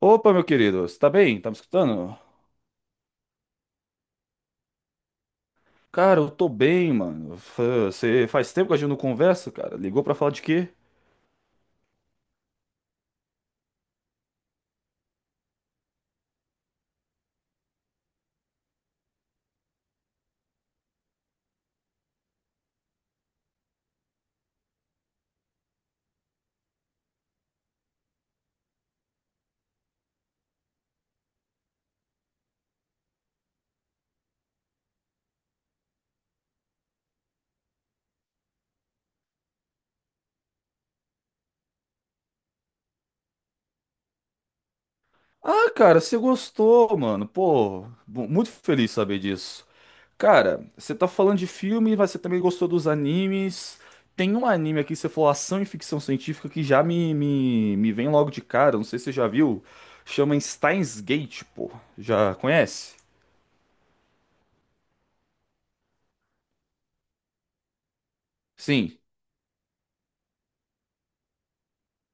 Opa, meu querido, você tá bem? Tá me escutando? Cara, eu tô bem, mano. Você faz tempo que a gente não conversa, cara. Ligou pra falar de quê? Ah, cara, você gostou, mano. Pô, muito feliz saber disso. Cara, você tá falando de filme, mas você também gostou dos animes. Tem um anime aqui, você falou ação e ficção científica, que já me vem logo de cara. Não sei se você já viu. Chama Steins Gate, pô. Já conhece? Sim.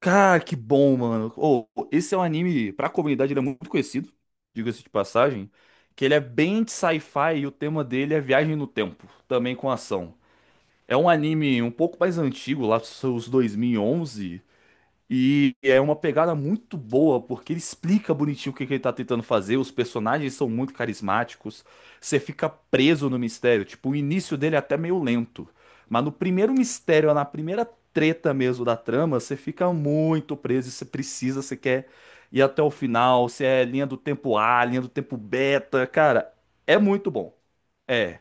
Cara, que bom, mano. Ô, esse é um anime, pra comunidade, ele é muito conhecido, diga-se de passagem, que ele é bem de sci-fi e o tema dele é viagem no tempo, também com ação. É um anime um pouco mais antigo, lá dos seus 2011. E é uma pegada muito boa, porque ele explica bonitinho o que que ele tá tentando fazer, os personagens são muito carismáticos, você fica preso no mistério, tipo, o início dele é até meio lento, mas no primeiro mistério, na primeira treta mesmo da trama, você fica muito preso, e você precisa, você quer ir até o final, se é linha do tempo A, linha do tempo beta, cara, é muito bom. É.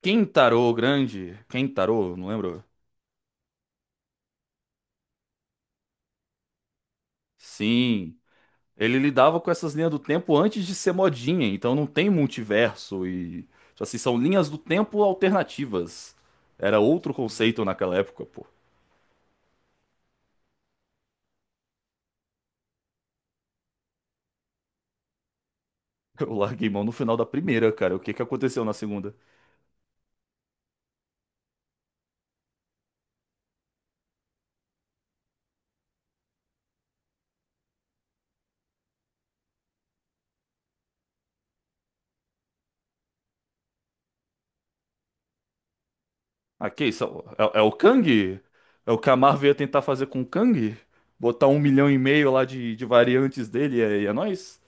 Kentaro Grande, Kentaro, não lembro? Sim. Ele lidava com essas linhas do tempo antes de ser modinha, então não tem multiverso e, tipo assim, são linhas do tempo alternativas. Era outro conceito naquela época, pô. Eu larguei mão no final da primeira, cara. O que que aconteceu na segunda? Ah, que isso? É, é o Kang? É o que a Marvel ia tentar fazer com o Kang? Botar um milhão e meio lá de variantes dele e é nóis?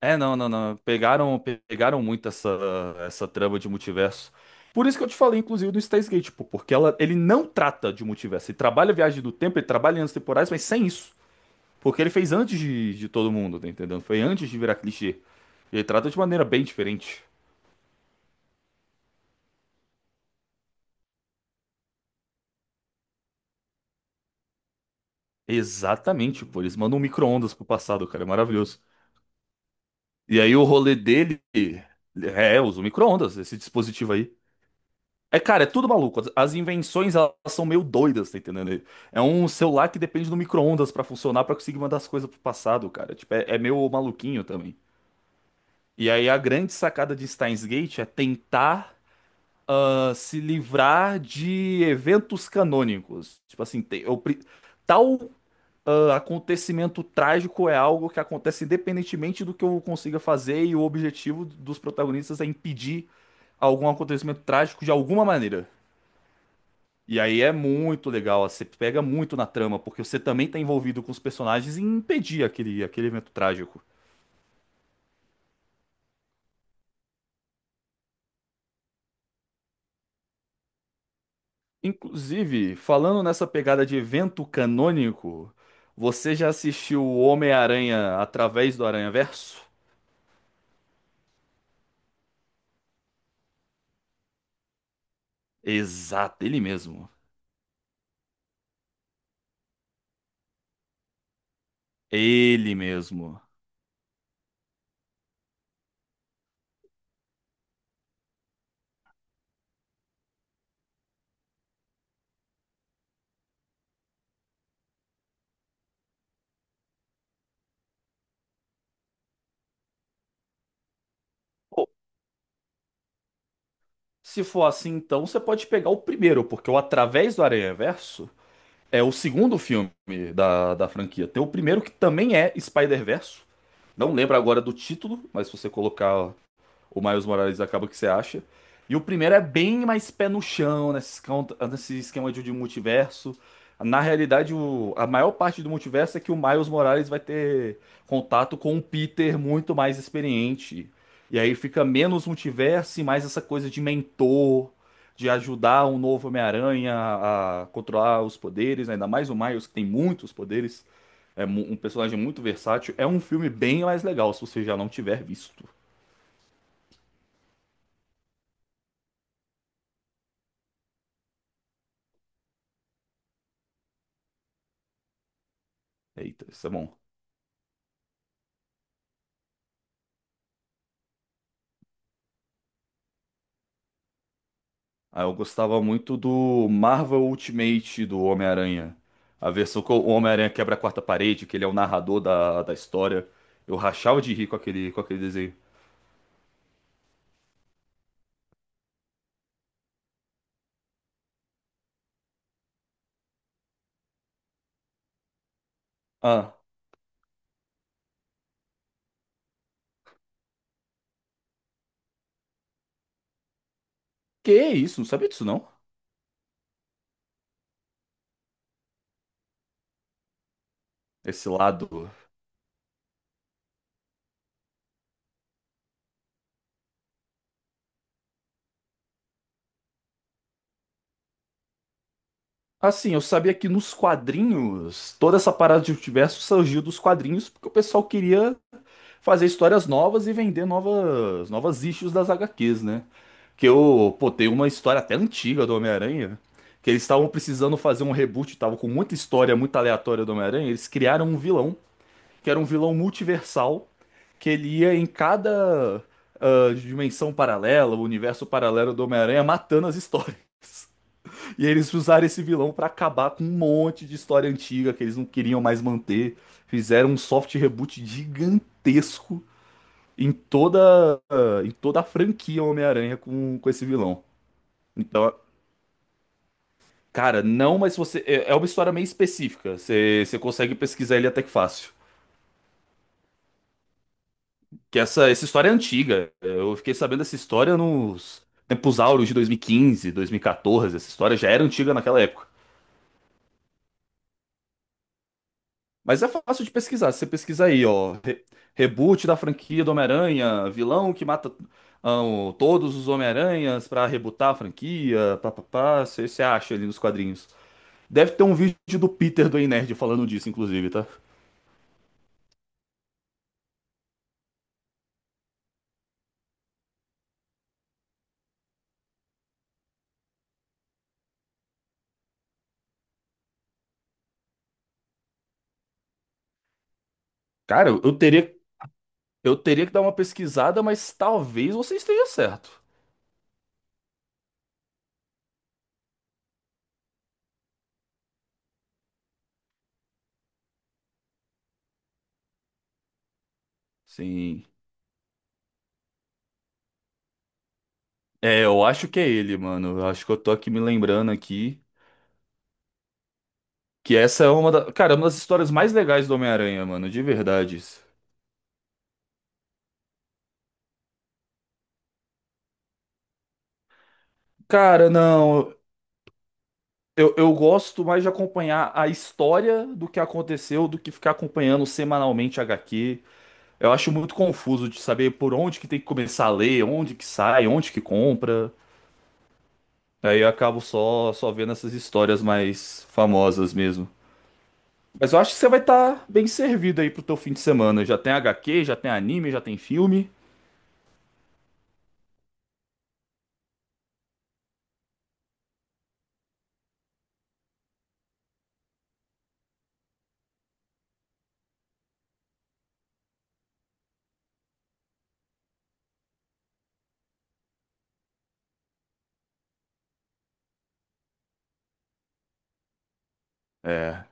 É, não, não, não. Pegaram, pegaram muito essa, essa trama de multiverso. Por isso que eu te falei, inclusive, do Steins Gate, pô, porque ela, ele não trata de multiverso. Ele trabalha a viagem do tempo, ele trabalha em anos temporais, mas sem isso. Porque ele fez antes de todo mundo, tá entendendo? Foi antes de virar clichê. Ele trata de maneira bem diferente. Exatamente, pô. Eles mandam um micro-ondas pro passado, cara. É maravilhoso. E aí o rolê dele é, usa o micro-ondas, esse dispositivo aí. É, cara, é tudo maluco. As invenções, elas são meio doidas, tá entendendo? É um celular que depende do micro-ondas pra funcionar, pra conseguir mandar as coisas pro passado, cara. Tipo, é meio maluquinho também. E aí a grande sacada de Steins Gate é tentar se livrar de eventos canônicos. Tipo assim, tal acontecimento trágico é algo que acontece independentemente do que eu consiga fazer, e o objetivo dos protagonistas é impedir algum acontecimento trágico de alguma maneira. E aí é muito legal, você pega muito na trama, porque você também tá envolvido com os personagens em impedir aquele evento trágico. Inclusive, falando nessa pegada de evento canônico, você já assistiu o Homem-Aranha através do Aranhaverso? Exato, ele mesmo. Ele mesmo. Pô, se for assim, então você pode pegar o primeiro, porque o Através do Aranhaverso é o segundo filme da franquia. Tem o primeiro que também é spider verse. Não lembro agora do título, mas se você colocar o Miles Morales acaba que você acha. E o primeiro é bem mais pé no chão, nesse esquema de multiverso. Na realidade, o- a maior parte do multiverso é que o Miles Morales vai ter contato com um Peter muito mais experiente. E aí fica menos multiverso e mais essa coisa de mentor, de ajudar um novo Homem-Aranha a controlar os poderes, né? Ainda mais o Miles, que tem muitos poderes. É um personagem muito versátil. É um filme bem mais legal, se você já não tiver visto. Eita, isso é bom. Ah, eu gostava muito do Marvel Ultimate do Homem-Aranha. A versão que o Homem-Aranha quebra a quarta parede, que ele é o narrador da história. Eu rachava de rir com aquele desenho. Ah, que isso? Não sabia disso, não? Esse lado. Assim, eu sabia que nos quadrinhos, toda essa parada de multiverso surgiu dos quadrinhos, porque o pessoal queria fazer histórias novas e vender novas, novas issues das HQs, né? Que eu, pô, tem uma história até antiga do Homem-Aranha, que eles estavam precisando fazer um reboot, estavam com muita história muito aleatória do Homem-Aranha, eles criaram um vilão, que era um vilão multiversal, que ele ia em cada dimensão paralela, o universo paralelo do Homem-Aranha, matando as histórias. E eles usaram esse vilão pra acabar com um monte de história antiga que eles não queriam mais manter. Fizeram um soft reboot gigantesco em toda, em toda a franquia Homem-Aranha com esse vilão. Então, cara, não, mas você. É é uma história meio específica. Você consegue pesquisar ele até que fácil. Que essa história é antiga. Eu fiquei sabendo dessa história nos tempos áureos de 2015, 2014. Essa história já era antiga naquela época. Mas é fácil de pesquisar. Você pesquisa aí, ó. Reboot da franquia do Homem-Aranha, vilão que mata o- todos os Homem-Aranhas pra rebootar a franquia, papapá. Você acha ali nos quadrinhos. Deve ter um vídeo do Peter do Ei Nerd falando disso, inclusive, tá? Cara, eu teria que dar uma pesquisada, mas talvez você esteja certo. Sim. É, eu acho que é ele, mano. Eu acho que eu tô aqui me lembrando aqui que essa é uma da, cara, uma das histórias mais legais do Homem-Aranha, mano, de verdade. Cara, não, eu gosto mais de acompanhar a história do que aconteceu do que ficar acompanhando semanalmente HQ. Eu acho muito confuso de saber por onde que tem que começar a ler, onde que sai, onde que compra. Aí eu acabo só, vendo essas histórias mais famosas mesmo. Mas eu acho que você vai estar bem servido aí pro teu fim de semana. Já tem HQ, já tem anime, já tem filme. É,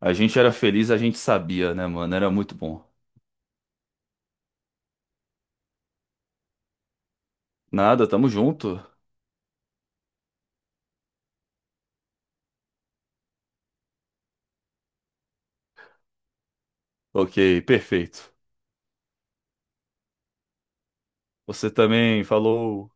a gente era feliz, a gente sabia, né, mano? Era muito bom. Nada, tamo junto. Ok, perfeito. Você também falou.